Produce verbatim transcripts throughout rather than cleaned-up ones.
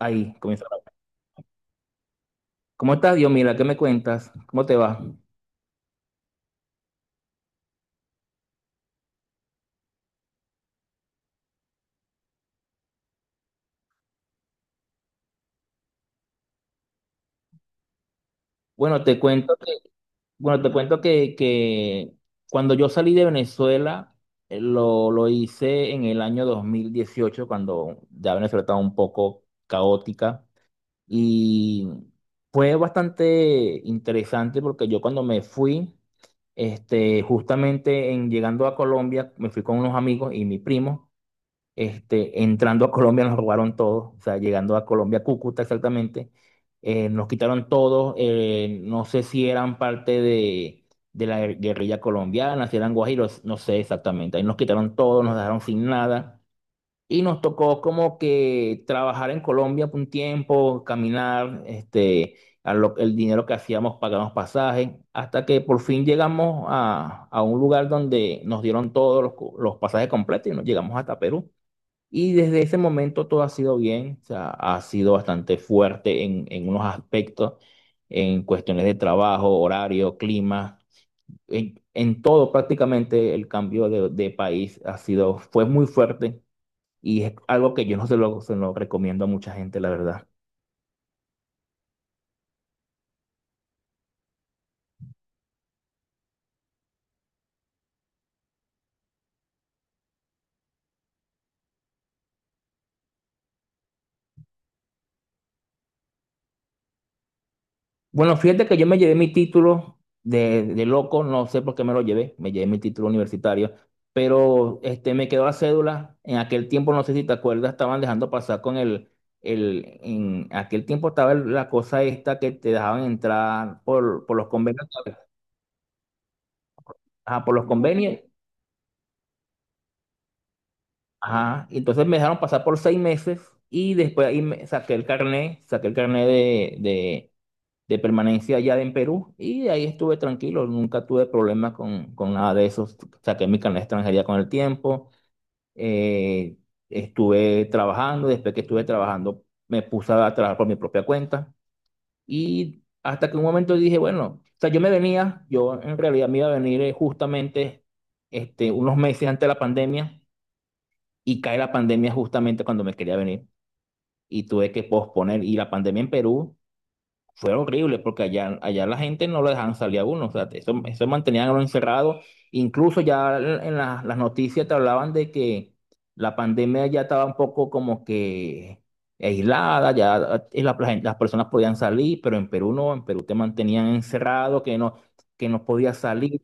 Ahí comienza. ¿Cómo estás, Dios? Mira, ¿qué me cuentas? ¿Cómo te va? Bueno, te cuento que, bueno, te cuento que, que cuando yo salí de Venezuela, eh, lo, lo hice en el año dos mil dieciocho, cuando ya Venezuela estaba un poco caótica. Y fue bastante interesante porque yo cuando me fui, este, justamente en llegando a Colombia, me fui con unos amigos y mi primo. Este, entrando a Colombia nos robaron todo, o sea, llegando a Colombia, Cúcuta exactamente, eh, nos quitaron todo, eh, no sé si eran parte de, de la guerrilla colombiana, si eran guajiros, no sé exactamente, ahí nos quitaron todo, nos dejaron sin nada. Y nos tocó como que trabajar en Colombia por un tiempo, caminar, este, a lo- el dinero que hacíamos pagamos pasajes, hasta que por fin llegamos a, a un lugar donde nos dieron todos los, cu- los pasajes completos y nos llegamos hasta Perú. Y desde ese momento todo ha sido bien, o sea, ha sido bastante fuerte en, en unos aspectos, en cuestiones de trabajo, horario, clima, en, en todo prácticamente el cambio de, de país ha sido, fue muy fuerte y es algo que yo no se lo, se lo recomiendo a mucha gente, la verdad. Bueno, fíjate que yo me llevé mi título de, de loco, no sé por qué me lo llevé, me llevé mi título universitario, pero este, me quedó la cédula. En aquel tiempo, no sé si te acuerdas, estaban dejando pasar con el, el en aquel tiempo estaba el- la cosa esta que te dejaban entrar por, por los convenios, ajá, por los convenios, ajá, y entonces me dejaron pasar por seis meses y después ahí me saqué el carnet, saqué el carnet de, de permanencia allá en Perú y ahí estuve tranquilo, nunca tuve problemas con, con nada de eso, saqué mi carnet de extranjería con el tiempo, eh, estuve trabajando, después que estuve trabajando me puse a trabajar por mi propia cuenta y hasta que un momento dije, bueno, o sea, yo me venía, yo en realidad me iba a venir eh, justamente este, unos meses antes de la pandemia y cae la pandemia justamente cuando me quería venir y tuve que posponer y la pandemia en Perú fue horrible porque allá, allá la gente no lo dejaban salir a uno, o sea, eso, eso mantenían a uno encerrado. Incluso ya en en la- las noticias te hablaban de que la pandemia ya estaba un poco como que aislada, ya eh, la- la gente- las personas podían salir, pero en Perú no, en Perú te mantenían encerrado, que no, que no podías salir.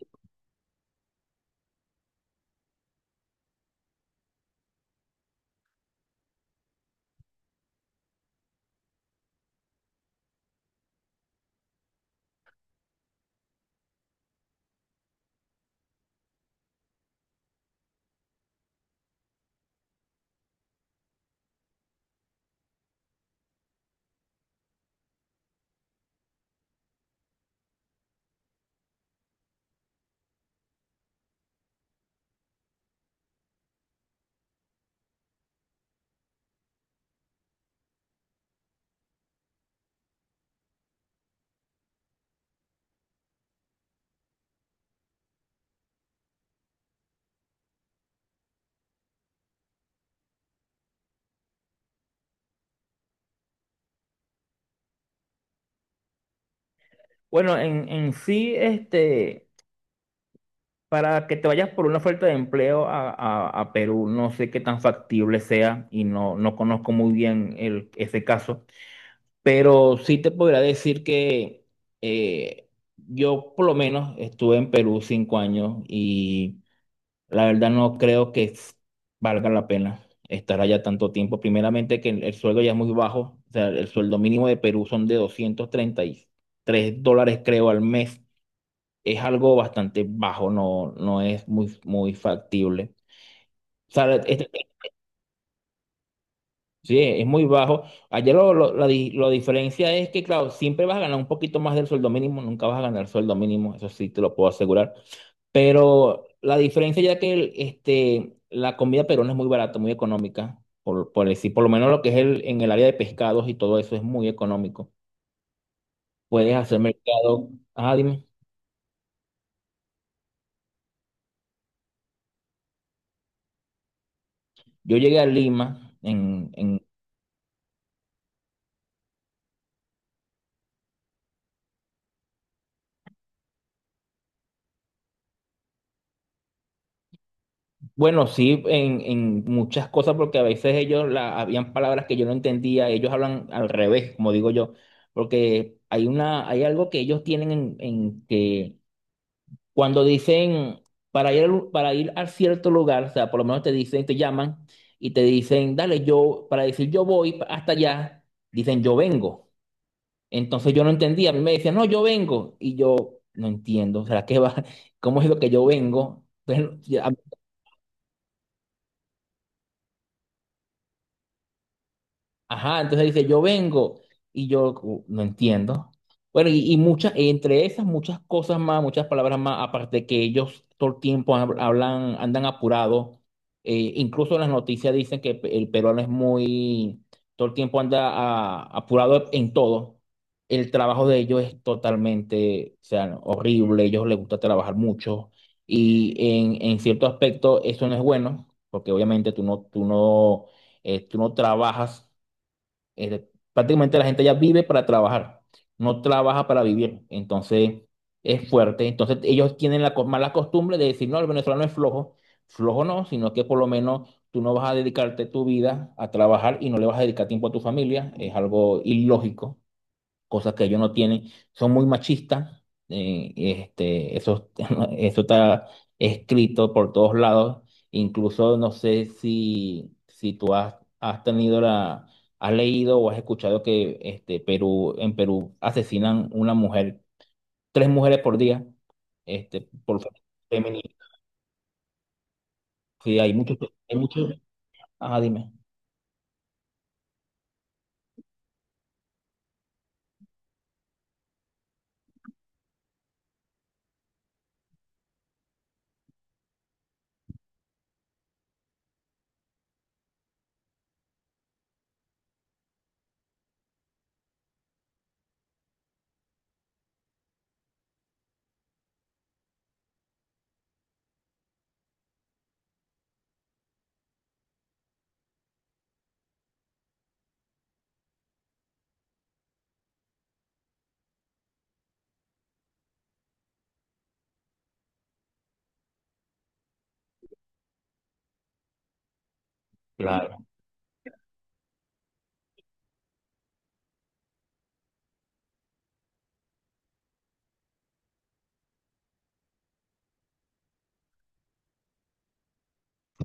Bueno, en, en sí, este, para que te vayas por una oferta de empleo a, a- a Perú, no sé qué tan factible sea y no, no conozco muy bien el, ese caso. Pero sí te podría decir que eh, yo por lo menos estuve en Perú cinco años y la verdad no creo que s- valga la pena estar allá tanto tiempo. Primeramente que el, el sueldo ya es muy bajo, o sea, el sueldo mínimo de Perú son de doscientos treinta y tres dólares creo al mes. Es algo bastante bajo, no, no es muy, muy factible. O sea, es- Sí, es muy bajo. Allá lo, lo- la, di- la diferencia es que, claro, siempre vas a ganar un poquito más del sueldo mínimo, nunca vas a ganar sueldo mínimo, eso sí te lo puedo asegurar. Pero la diferencia ya que el- este, la comida peruana es muy barata, muy económica, por, por decir, por lo menos lo que es el, en el área de pescados y todo eso es muy económico. Puedes hacer mercado. Ah, dime. Yo llegué a Lima. Bueno, sí, en, en muchas cosas, porque a veces ellos la, habían palabras que yo no entendía, ellos hablan al revés, como digo yo, porque hay una, hay algo que ellos tienen en, en que cuando dicen para ir, al- para ir a cierto lugar, o sea, por lo menos te dicen, te llaman y te dicen, dale, yo, para decir yo voy hasta allá, dicen yo vengo. Entonces yo no entendía, a mí me decían, no, yo vengo, y yo no entiendo, o sea, ¿qué va? ¿Cómo es lo que yo vengo? Entonces, ajá, entonces dice, yo vengo y yo "Uh, no entiendo." Bueno, y, y muchas, entre esas muchas cosas más, muchas palabras más, aparte que ellos todo el tiempo hab- hablan, andan apurados, eh, incluso en las noticias dicen que pe- el peruano es muy, todo el tiempo anda ah, apurado en todo. El trabajo de ellos es totalmente, o sea, no, horrible, a ellos les gusta trabajar mucho y en, en cierto aspecto eso no es bueno, porque obviamente tú no, tú no eh, tú no trabajas este, prácticamente la gente ya vive para trabajar, no trabaja para vivir. Entonces es fuerte. Entonces ellos tienen la co- mala costumbre de decir, no, el venezolano es flojo. Flojo no, sino que por lo menos tú no vas a dedicarte tu vida a trabajar y no le vas a dedicar tiempo a tu familia. Es algo ilógico, cosas que ellos no tienen, son muy machistas, eh, este, eso, eso está escrito por todos lados, incluso no sé si, si tú has, has tenido la, has leído o has escuchado que este, Perú, en Perú asesinan una mujer, tres mujeres por día, este, por feminicidio. Sí, hay muchos, hay muchos, ah, dime. Claro.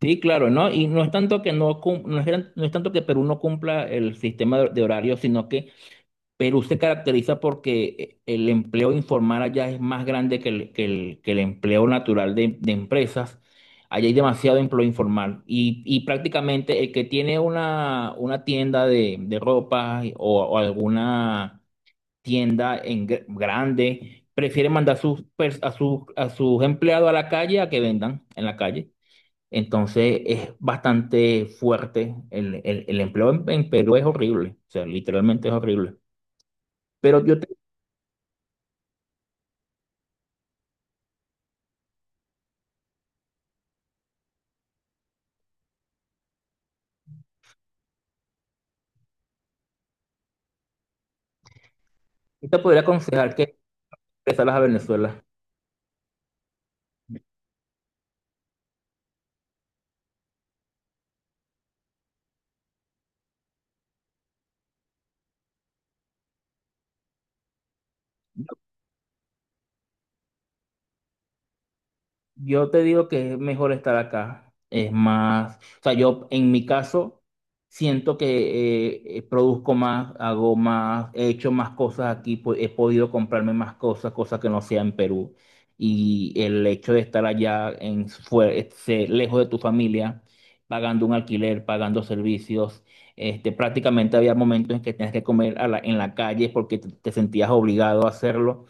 Sí, claro, ¿no? Y no es tanto que no, cum- no es, gran- no es tanto que Perú no cumpla el sistema de de horario, sino que Perú se caracteriza porque eh, el empleo informal allá es más grande que el, que el- que el empleo natural de, de empresas. Allá hay demasiado empleo informal y, y prácticamente el que tiene una, una tienda de, de ropa o, o alguna tienda en gr- grande prefiere mandar sus pers- a, sus, a sus empleados a la calle a que vendan en la calle. Entonces es bastante fuerte. El, el- el empleo en en Perú es horrible, o sea, literalmente es horrible. Pero yo Yo te podría aconsejar que regresaras a Venezuela. Yo, yo te digo que es mejor estar acá. Es más, o sea, yo en mi caso siento que eh, eh, produzco más, hago más, he hecho más cosas aquí, po- he podido comprarme más cosas, cosas que no sea en Perú. Y el hecho de estar allá en, fue- este, lejos de tu familia, pagando un alquiler, pagando servicios. Este, prácticamente había momentos en que tenías que comer a la- en la calle porque te te sentías obligado a hacerlo.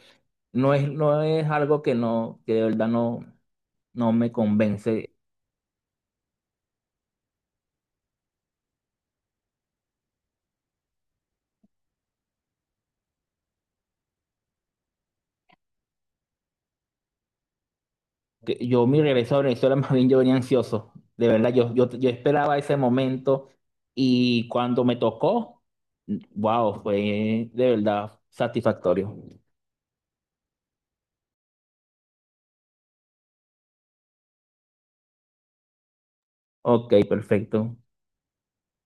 no es, no es algo que no, que de verdad no, no me convence. Que yo mi regreso a Venezuela, más bien yo venía ansioso. De verdad, yo, yo, yo esperaba ese momento y cuando me tocó, wow, fue de verdad satisfactorio. Ok, perfecto.